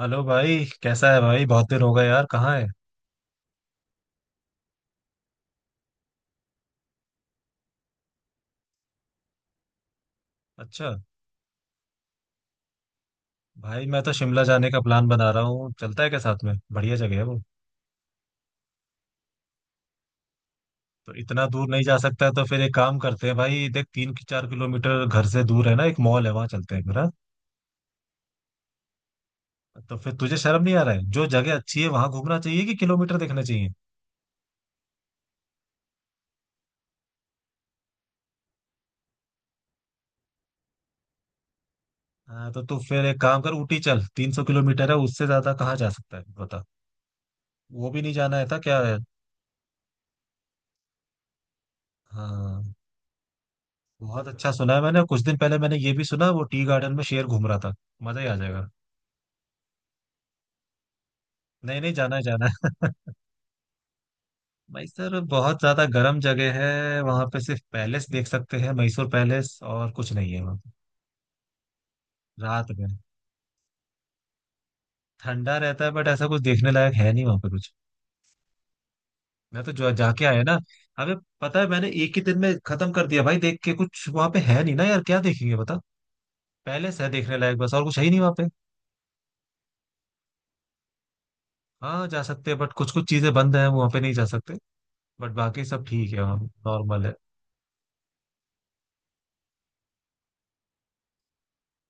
Hello भाई, कैसा है भाई? बहुत दिन हो गए यार, कहाँ है? अच्छा। भाई मैं तो शिमला जाने का प्लान बना रहा हूँ, चलता है क्या साथ में? बढ़िया जगह है वो। तो इतना दूर नहीं जा सकता है तो फिर एक काम करते हैं भाई। देख 3 4 किलोमीटर घर से दूर है ना एक मॉल है, वहाँ चलते हैं फिर, हाँ? तो फिर तुझे शर्म नहीं आ रहा है? जो जगह अच्छी है वहां घूमना चाहिए कि किलोमीटर देखना चाहिए। हाँ तो तू फिर एक काम कर, ऊटी चल। 300 किलोमीटर है, उससे ज्यादा कहाँ जा सकता है बता। वो भी नहीं जाना है था क्या है। हाँ बहुत अच्छा सुना है मैंने। कुछ दिन पहले मैंने ये भी सुना वो टी गार्डन में शेर घूम रहा था। मजा ही आ जाएगा। नहीं नहीं जाना है जाना है। मैसूर बहुत ज्यादा गर्म जगह है, वहां पे सिर्फ पैलेस देख सकते हैं, मैसूर पैलेस। और कुछ नहीं है वहां पे। रात में ठंडा रहता है बट ऐसा कुछ देखने लायक है नहीं वहां पे कुछ। मैं तो जो जाके आया ना, हमें पता है, मैंने एक ही दिन में खत्म कर दिया भाई देख के। कुछ वहां पे है नहीं ना यार, क्या देखेंगे बता। पैलेस है देखने लायक बस, और कुछ है ही नहीं वहां पे। हाँ जा सकते हैं बट कुछ कुछ चीजें बंद हैं वहां पे, नहीं जा सकते। बट बाकी सब ठीक है वहाँ पे, नॉर्मल है।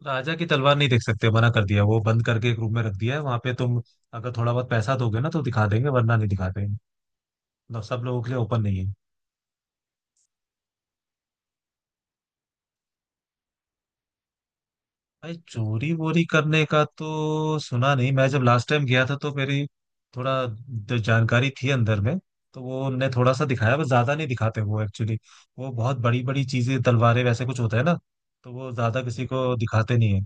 राजा की तलवार नहीं देख सकते, मना कर दिया। वो बंद करके एक रूम में रख दिया है वहां पे। तुम अगर थोड़ा बहुत पैसा दोगे ना तो दिखा देंगे वरना नहीं दिखाते हैं। मतलब सब लोगों के लिए ओपन नहीं है। भाई चोरी वोरी करने का तो सुना नहीं। मैं जब लास्ट टाइम गया था तो मेरी थोड़ा जानकारी थी अंदर में, तो वो उनने थोड़ा सा दिखाया बस। ज्यादा नहीं दिखाते वो एक्चुअली। वो बहुत बड़ी बड़ी चीजें, तलवारें वैसे कुछ होता है ना, तो वो ज्यादा किसी को दिखाते नहीं है।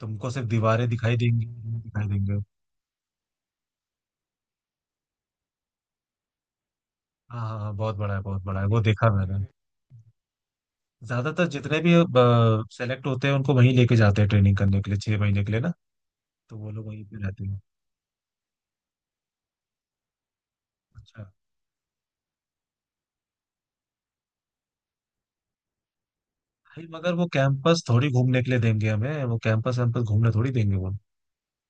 तुमको सिर्फ दीवारें दिखाई देंगी, दिखाई देंगे। हाँ हाँ हाँ बहुत बड़ा है, बहुत बड़ा है, वो देखा मैंने। ज्यादातर जितने भी सेलेक्ट होते हैं उनको वहीं लेके जाते हैं ट्रेनिंग करने के लिए, 6 महीने के लिए ना। तो वो लोग वहीं पे रहते हैं। अच्छा। भाई मगर वो कैंपस थोड़ी घूमने के लिए देंगे हमें, वो कैंपस वैम्पस घूमने थोड़ी देंगे वो।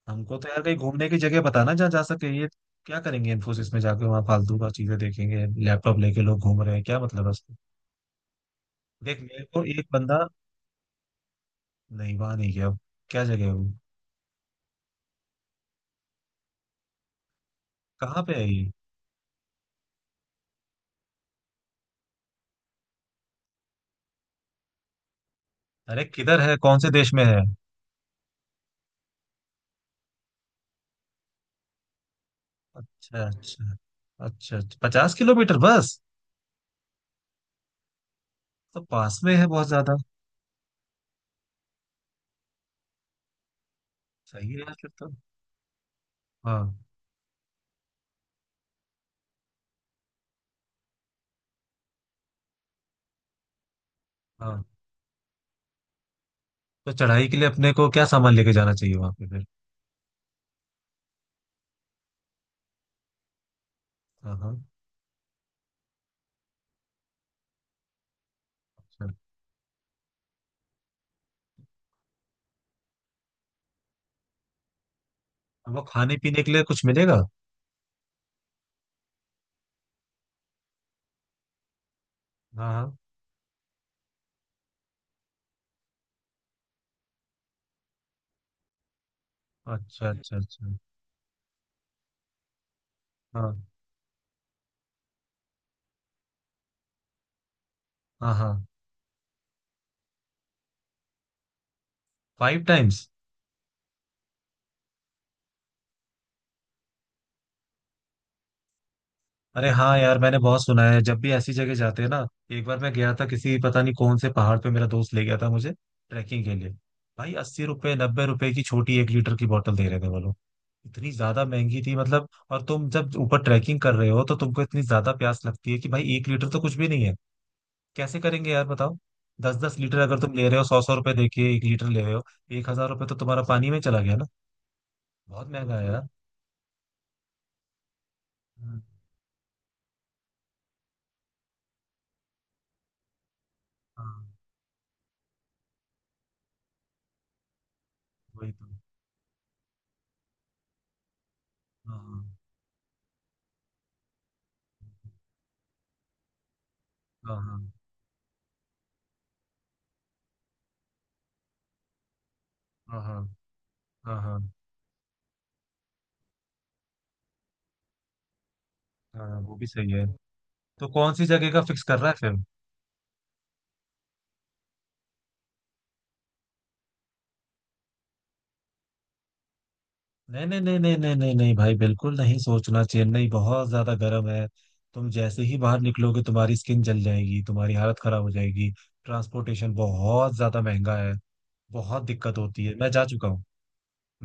हमको तो यार कहीं घूमने की जगह बताना जहाँ जा सके ये। क्या करेंगे इन्फोसिस में जाके, वहाँ फालतू का चीजें देखेंगे? लैपटॉप लेके लोग घूम रहे हैं, क्या मतलब है उसका? देख मेरे को एक बंदा। नहीं वहां नहीं गया, क्या जगह है वो? कहाँ पे है ये? अरे किधर है, कौन से देश में है? अच्छा अच्छा। अच्छा अच्छा। 50 किलोमीटर बस? तो पास में है बहुत ज्यादा। सही है यार फिर तो। हाँ हाँ। तो चढ़ाई के लिए अपने को क्या सामान लेके जाना चाहिए वहां पे फिर? हाँ हाँ। चल। अब वो खाने पीने के लिए कुछ मिलेगा? हाँ हाँ, अच्छा अच्छा अच्छा। हाँ हाँ हाँ। 5 times? अरे हाँ यार, मैंने बहुत सुना है जब भी ऐसी जगह जाते हैं ना। एक बार मैं गया था किसी पता नहीं कौन से पहाड़ पे, मेरा दोस्त ले गया था मुझे ट्रैकिंग के लिए। भाई 80 रुपए 90 रुपए की छोटी 1 लीटर की बोतल दे रहे थे वो लोग। इतनी ज्यादा महंगी थी मतलब। और तुम जब ऊपर ट्रैकिंग कर रहे हो तो तुमको इतनी ज्यादा प्यास लगती है कि भाई 1 लीटर तो कुछ भी नहीं है। कैसे करेंगे यार बताओ। दस दस लीटर अगर तुम ले रहे हो, सौ सौ रुपए दे के 1 लीटर ले रहे हो, 1,000 रुपए तो तुम्हारा पानी में चला गया ना। बहुत महंगा है यार। हाँ हाँ, वही तो। हाँ हाँ हाँ। हाँ हाँ हाँ। हाँ हाँ हाँ। वो भी सही है। तो कौन सी जगह का फिक्स कर रहा है फिर? नहीं नहीं नहीं नहीं नहीं नहीं नहीं भाई, बिल्कुल नहीं सोचना। चेन्नई बहुत ज्यादा गर्म है, तुम जैसे ही बाहर निकलोगे तुम्हारी स्किन जल जाएगी, तुम्हारी हालत खराब हो जाएगी। ट्रांसपोर्टेशन बहुत ज्यादा महंगा है। बहुत दिक्कत होती है, मैं जा चुका हूँ।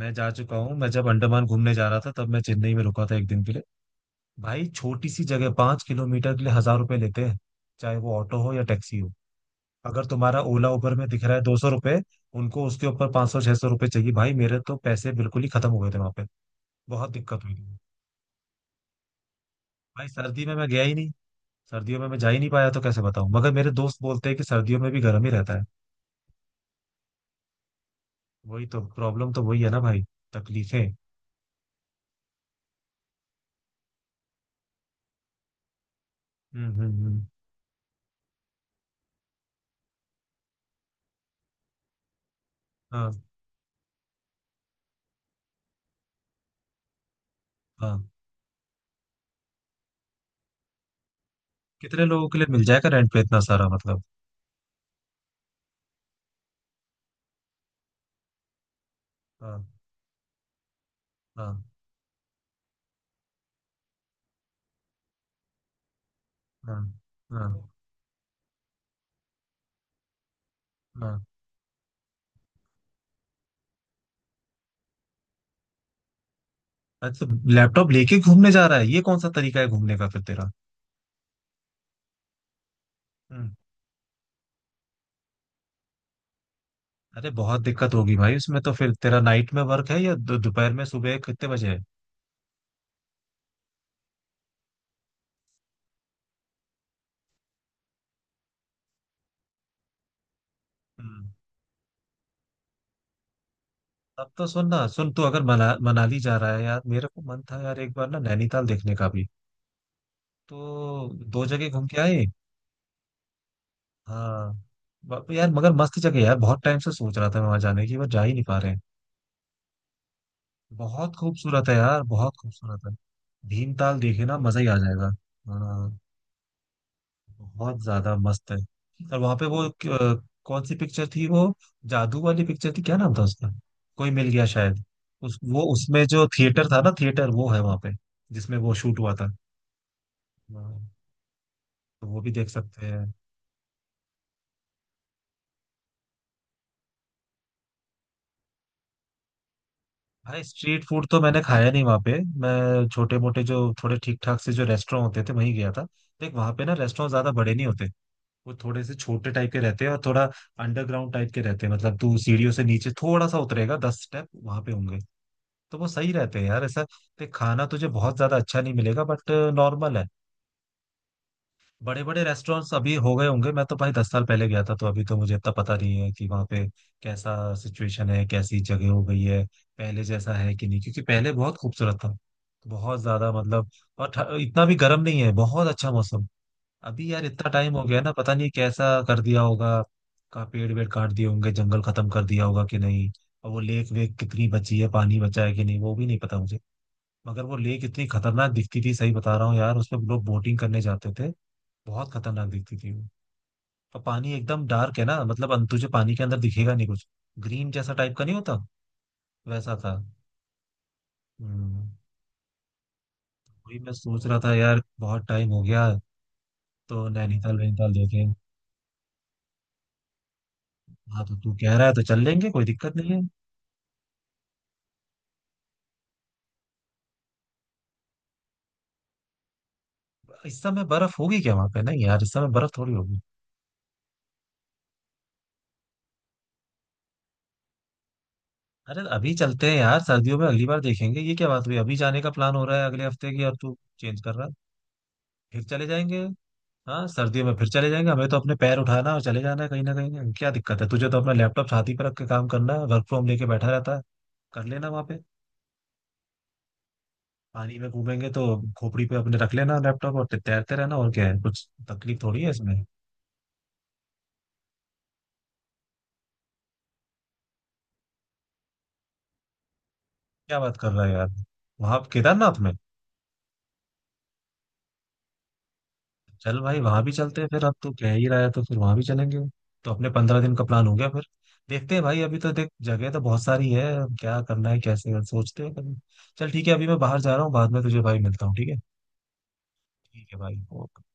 मैं जा चुका हूँ, मैं जब अंडमान घूमने जा रहा था तब मैं चेन्नई में रुका था एक दिन के लिए। भाई छोटी सी जगह, 5 किलोमीटर के लिए हजार रुपए लेते हैं, चाहे वो ऑटो हो या टैक्सी हो। अगर तुम्हारा ओला उबर में दिख रहा है 200 रुपये, उनको उसके ऊपर 500 600 रुपये चाहिए। भाई मेरे तो पैसे बिल्कुल ही खत्म हो गए थे वहां पे, बहुत दिक्कत हुई थी। भाई सर्दी में मैं गया ही नहीं, सर्दियों में मैं जा ही नहीं पाया, तो कैसे बताऊं? मगर मेरे दोस्त बोलते हैं कि सर्दियों में भी गर्म ही रहता है। वही तो प्रॉब्लम, तो वही है ना भाई। तकलीफें। हम्म। हाँ हाँ। कितने लोगों के लिए मिल जाएगा रेंट पे इतना सारा, मतलब? हाँ हाँ हाँ हाँ हाँ। अच्छा। लैपटॉप लेके घूमने जा रहा है, ये कौन सा तरीका है घूमने का फिर तेरा? हम्म। अरे बहुत दिक्कत होगी भाई उसमें तो। फिर तेरा नाइट में वर्क है या दोपहर में, सुबह कितने बजे है? हम्म, तब तो सुन ना, सुन तू अगर मनाली जा रहा है यार, मेरे को मन था यार एक बार ना नैनीताल देखने का भी, तो दो जगह घूम के आए। हाँ। यार मगर मस्त जगह है यार, बहुत टाइम से सोच रहा था मैं वहां जाने की बट जा ही नहीं पा रहे हैं। बहुत खूबसूरत है यार, बहुत खूबसूरत है। भीमताल देखे ना मजा ही आ जाएगा। हाँ, बहुत ज्यादा मस्त है। और वहां पे वो कौन सी पिक्चर थी वो, जादू वाली पिक्चर थी, क्या नाम था उसका? कोई मिल गया शायद। उस वो उसमें जो थिएटर था ना, थिएटर वो है वहां पे जिसमें वो शूट हुआ था। हाँ, तो वो भी देख सकते हैं। भाई स्ट्रीट फूड तो मैंने खाया नहीं वहां पे। मैं छोटे मोटे जो थोड़े ठीक ठाक से जो रेस्टोरेंट होते थे वहीं गया था। देख वहां पे ना रेस्टोरेंट ज्यादा बड़े नहीं होते। वो थोड़े से छोटे टाइप के रहते हैं और थोड़ा अंडरग्राउंड टाइप के रहते हैं। मतलब तू सीढ़ियों से नीचे थोड़ा सा उतरेगा, 10 स्टेप वहां पे होंगे, तो वो सही रहते हैं यार ऐसा। ते खाना तुझे बहुत ज्यादा अच्छा नहीं मिलेगा बट नॉर्मल है। बड़े बड़े रेस्टोरेंट्स अभी हो गए होंगे, मैं तो भाई 10 साल पहले गया था, तो अभी तो मुझे इतना पता नहीं है कि वहाँ पे कैसा सिचुएशन है, कैसी जगह हो गई है, पहले जैसा है कि नहीं, क्योंकि पहले बहुत खूबसूरत था, बहुत ज्यादा मतलब, और इतना भी गर्म नहीं है, बहुत अच्छा मौसम। अभी यार इतना टाइम हो गया ना, पता नहीं कैसा कर दिया होगा, का पेड़ वेड़ काट दिए होंगे, जंगल खत्म कर दिया होगा कि नहीं, और वो लेक वेक कितनी बची है, पानी बचा है कि नहीं वो भी नहीं पता मुझे। मगर वो लेक इतनी खतरनाक दिखती थी, सही बता रहा हूँ यार, उसमें लोग बोटिंग करने जाते थे। बहुत खतरनाक दिखती थी वो। और पानी एकदम डार्क है ना, मतलब तुझे पानी के अंदर दिखेगा नहीं कुछ, ग्रीन जैसा टाइप का नहीं होता, वैसा था। हम्म, वही मैं सोच रहा था यार, बहुत टाइम हो गया। तो नैनीताल वैनीताल देखे। हाँ तो तू कह रहा है तो चल लेंगे, कोई दिक्कत नहीं है। इस समय बर्फ होगी क्या वहां पे? नहीं यार इस समय बर्फ थोड़ी होगी। अरे अभी चलते हैं यार, सर्दियों में अगली बार देखेंगे, ये क्या बात हुई? अभी जाने का प्लान हो रहा है अगले हफ्ते की और तू चेंज कर रहा है। फिर चले जाएंगे। हाँ सर्दियों में फिर चले जाएंगे। हमें तो अपने पैर उठाना है और चले जाना है कहीं ना कहीं, क्या दिक्कत है? तुझे तो अपना लैपटॉप छाती पर रख के काम करना है, वर्क फ्रॉम लेके बैठा रहता है। कर लेना वहां पे। पानी में घूमेंगे तो खोपड़ी पे अपने रख लेना लैपटॉप और तैरते रहना, और क्या है? कुछ तकलीफ थोड़ी है इसमें। क्या बात कर रहा है यार, वहां केदारनाथ में? चल भाई वहां भी चलते हैं फिर, अब तो कह ही रहा है तो फिर वहां भी चलेंगे। तो अपने 15 दिन का प्लान हो गया फिर। देखते हैं भाई, अभी तो देख जगह तो बहुत सारी है, अब क्या करना है कैसे सोचते हैं कभी। चल ठीक है, अभी मैं बाहर जा रहा हूँ, बाद में तुझे भाई मिलता हूँ, ठीक है? ठीक है भाई, ओके।